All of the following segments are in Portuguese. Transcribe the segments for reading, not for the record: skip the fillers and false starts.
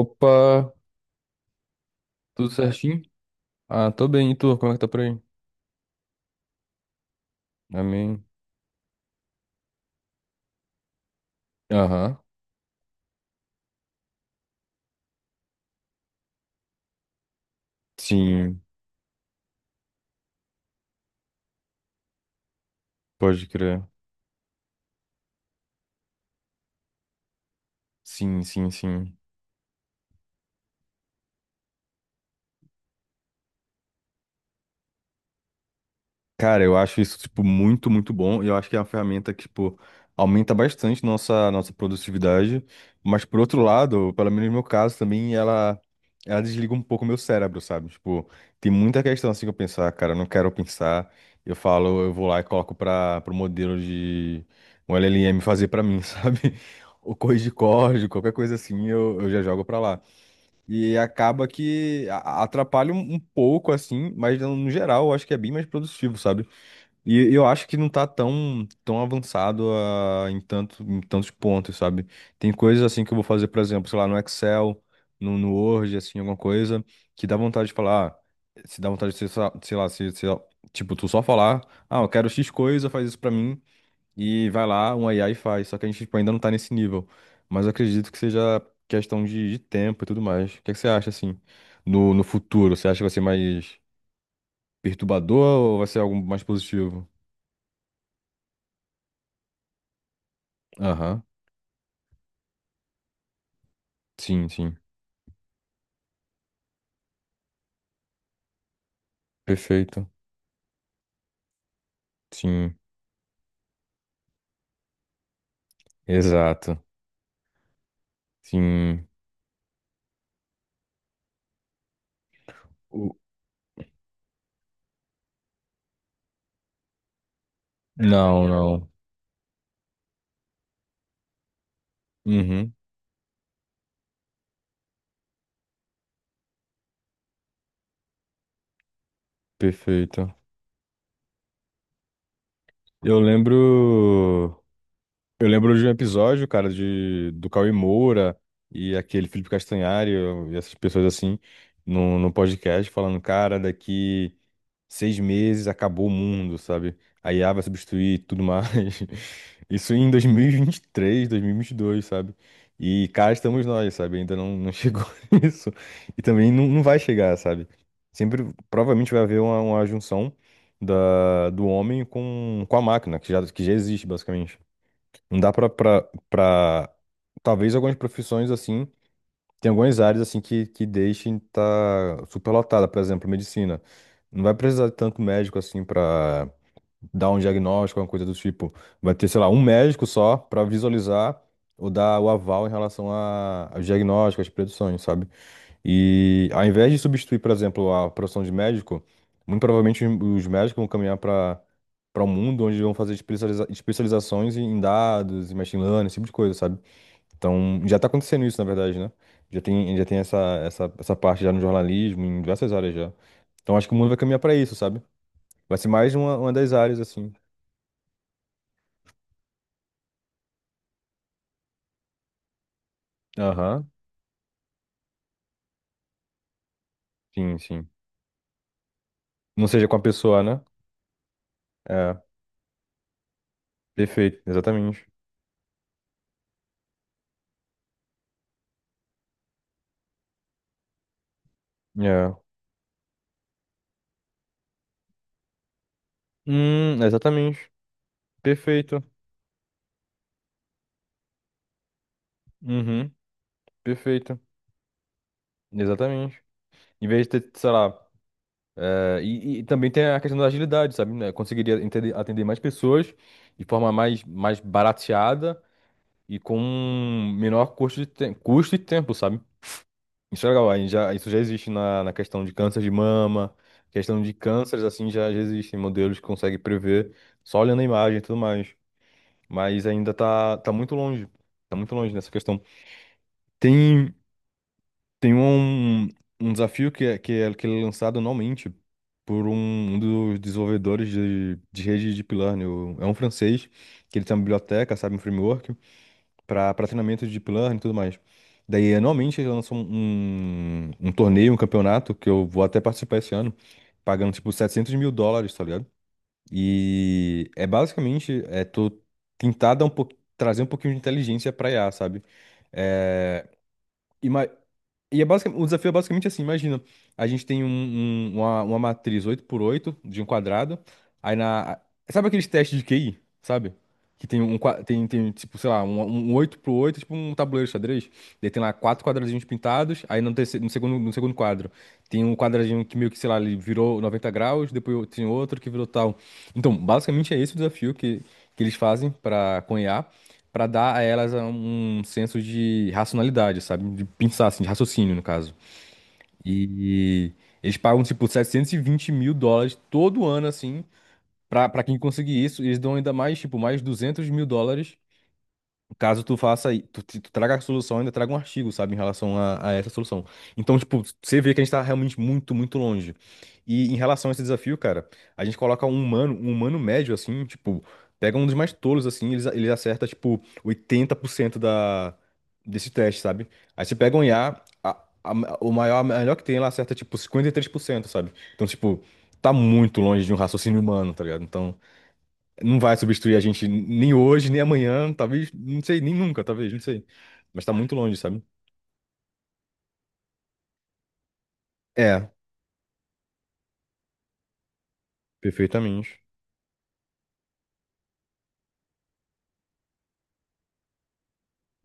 Opa, tudo certinho? Ah, tô bem, e tu? Como é que tá por aí? Amém. Aham. Sim, pode crer. Sim, sim, sim. Cara, eu acho isso, tipo, muito, muito bom. E eu acho que é uma ferramenta que, tipo, aumenta bastante nossa produtividade. Mas, por outro lado, pelo menos no meu caso também, ela desliga um pouco o meu cérebro, sabe? Tipo, tem muita questão assim que eu pensar, cara, eu não quero pensar. Eu falo, eu vou lá e coloco para pro modelo de um LLM fazer pra mim, sabe? Ou corrigir código, qualquer coisa assim, eu já jogo pra lá. E acaba que atrapalha um pouco, assim, mas no geral eu acho que é bem mais produtivo, sabe? E eu acho que não tá tão, tão avançado em tantos pontos, sabe? Tem coisas assim que eu vou fazer, por exemplo, sei lá, no Excel, no Word, assim, alguma coisa, que dá vontade de falar, ah, se dá vontade de, sei lá, tipo, tu só falar, ah, eu quero X coisa, faz isso pra mim, e vai lá, um AI faz. Só que a gente, tipo, ainda não tá nesse nível. Mas eu acredito que seja questão de tempo e tudo mais. O que é que você acha, assim, no futuro? Você acha que vai ser mais perturbador ou vai ser algo mais positivo? Aham. Sim, sim. Perfeito. Sim, exato. Sim. O- Não, não. Uhum, perfeito. Eu lembro. Eu lembro de um episódio, cara, de do Cauê Moura e aquele Felipe Castanhari e essas pessoas assim no podcast falando, cara, daqui, 6 meses, acabou o mundo, sabe? A IA vai substituir tudo mais. Isso em 2023, 2022, sabe? E cá estamos nós, sabe? Ainda não chegou isso. E também não vai chegar, sabe? Sempre, provavelmente vai haver uma junção do homem com a máquina, que já existe, basicamente. Não dá pra... Talvez algumas profissões, assim, tem algumas áreas assim que deixem estar superlotada, por exemplo, medicina. Não vai precisar de tanto médico assim para dar um diagnóstico, alguma coisa do tipo. Vai ter, sei lá, um médico só para visualizar ou dar o aval em relação ao diagnóstico, às produções, sabe? E ao invés de substituir, por exemplo, a profissão de médico, muito provavelmente os médicos vão caminhar para um mundo onde vão fazer especializações em dados, em machine learning, esse tipo de coisa, sabe? Então, já está acontecendo isso, na verdade, né? Já tem essa, essa parte já no jornalismo, em diversas áreas já. Então, acho que o mundo vai caminhar para isso, sabe? Vai ser mais uma das áreas, assim. Aham. Sim, sim. Não seja com a pessoa, né? É, perfeito, exatamente. É. Exatamente. Perfeito. Uhum, perfeito. Exatamente. Em vez de ter, sei lá. E também tem a questão da agilidade, sabe? Né? Conseguiria atender mais pessoas de forma mais barateada e com um menor custo de custo e tempo, sabe? Isso é legal, aí já, isso já existe na questão de câncer de mama, questão de cânceres, assim, já existem modelos que conseguem prever só olhando a imagem e tudo mais. Mas ainda tá muito longe, tá muito longe nessa questão. Tem, tem um desafio que ele é lançado anualmente por um dos desenvolvedores de rede de Deep Learning, é um francês, que ele tem uma biblioteca, sabe, um framework, para treinamento de deep learning e tudo mais. Daí, anualmente, eles lançam um torneio, um campeonato, que eu vou até participar esse ano, pagando tipo 700 mil dólares, tá ligado? E é basicamente, tô tentar dar um pouco, trazer um pouquinho de inteligência pra IA, sabe? É, e é o desafio é basicamente assim, imagina, a gente tem uma matriz 8x8 de um quadrado, aí na... Sabe aqueles testes de QI, sabe? Que tem tipo, sei lá, um 8x8, tipo um tabuleiro de xadrez, daí tem lá quatro quadradinhos pintados, aí no, terceiro, no segundo quadro tem um quadradinho que meio que, sei lá, ele virou 90°, depois tem outro que virou tal. Então, basicamente é esse o desafio que eles fazem para Pra dar a elas um senso de racionalidade, sabe? De pensar, assim, de raciocínio, no caso. E eles pagam, tipo, 720 mil dólares todo ano, assim, pra quem conseguir isso. E eles dão ainda mais, tipo, mais 200 mil dólares, caso tu faça, tu traga a solução, ainda traga um artigo, sabe, em relação a essa solução. Então, tipo, você vê que a gente tá realmente muito, muito longe. E em relação a esse desafio, cara, a gente coloca um humano médio, assim, tipo, pega um dos mais tolos, assim, eles acerta, tipo, 80% desse teste, sabe? Aí você pega um IA, a- o maior, a melhor que tem, ela acerta, tipo, 53%, sabe? Então, tipo, tá muito longe de um raciocínio humano, tá ligado? Então. Não vai substituir a gente nem hoje, nem amanhã, talvez, não sei, nem nunca, talvez, não sei. Mas tá muito longe, sabe? É, perfeitamente.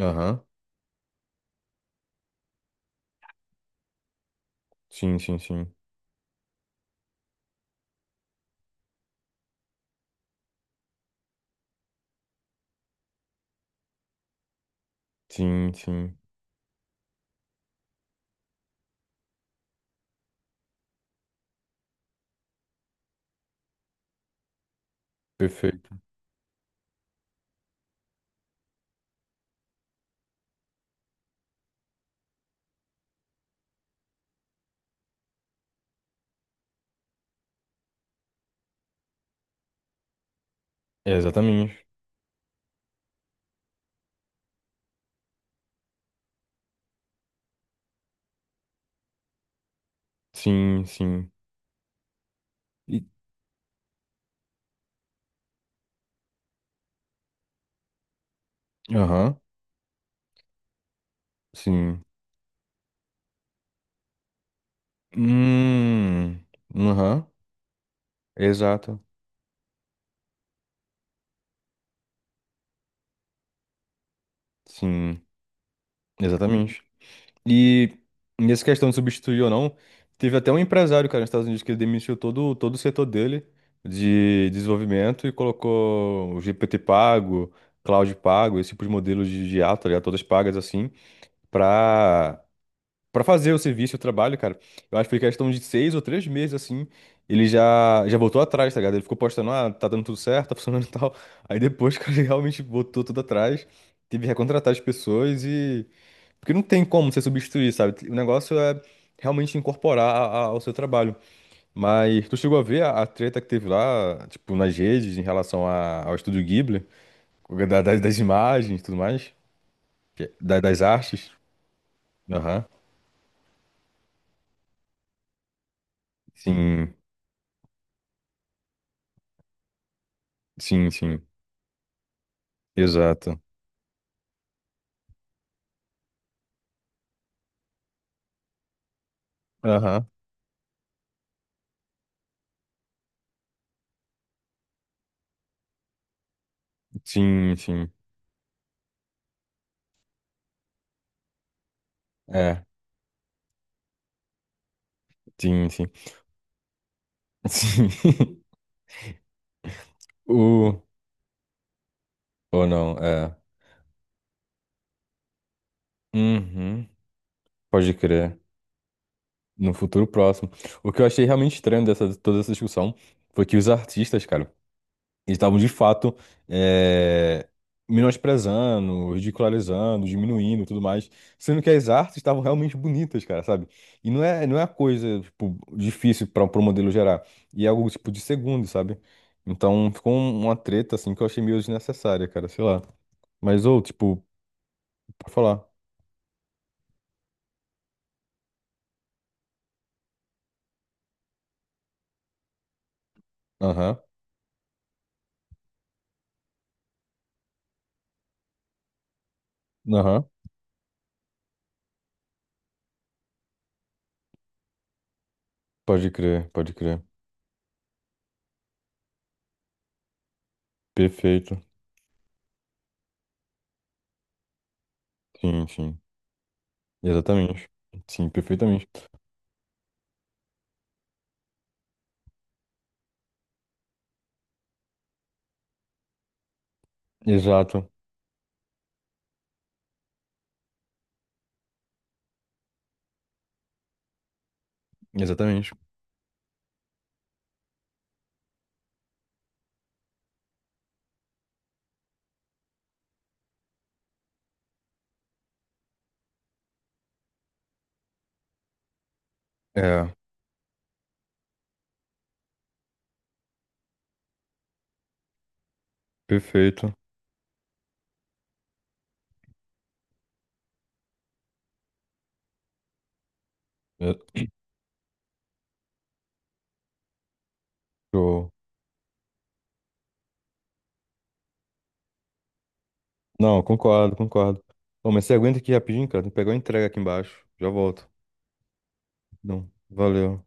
Aham. Sim, sim, sim. Sim, sim. Perfeito. É, exatamente. Sim, sim. E- Aham. Sim. Hum. Aham. Exato. Sim. Exatamente. E nessa questão de substituir ou não, teve até um empresário, cara, nos Estados Unidos que ele demitiu todo o setor dele de desenvolvimento e colocou o GPT pago, Cloud pago, esse tipo de modelo de IA, tá ligado? Todas pagas assim, pra, pra fazer o serviço, o trabalho, cara. Eu acho que foi questão de 6 ou 3 meses, assim, ele já voltou atrás, tá ligado? Ele ficou postando, ah, tá dando tudo certo, tá funcionando e tal. Aí depois, cara, ele realmente botou tudo atrás, teve que recontratar as pessoas porque não tem como você substituir, sabe? O negócio é realmente incorporar ao seu trabalho. Mas tu chegou a ver a treta que teve lá, tipo, nas redes em relação ao estúdio Ghibli, das imagens e tudo mais. É, das artes. Aham. Sim, sim, sim. Exato. Aham. Sim, sim. É, sim, sim. Sim. O... Ou não, é. Uhum. Pode crer. No futuro próximo. O que eu achei realmente estranho dessa toda essa discussão foi que os artistas, cara, eles estavam de fato, é, menosprezando, ridicularizando, diminuindo e tudo mais, sendo que as artes estavam realmente bonitas, cara, sabe? E não é uma coisa, tipo, difícil para o modelo gerar. E é algo, tipo, de segundo, sabe? Então ficou uma treta, assim, que eu achei meio desnecessária, cara, sei lá. Mas, ou, tipo, pra falar. Aham, aham, pode crer, pode crer. Perfeito. Sim, sim. Exatamente. Sim, perfeitamente. Exato, exatamente. É, perfeito. É, show. Não, concordo, concordo. Ô, mas você aguenta aqui rapidinho, cara? Tem que pegar uma entrega aqui embaixo. Já volto. Não, valeu.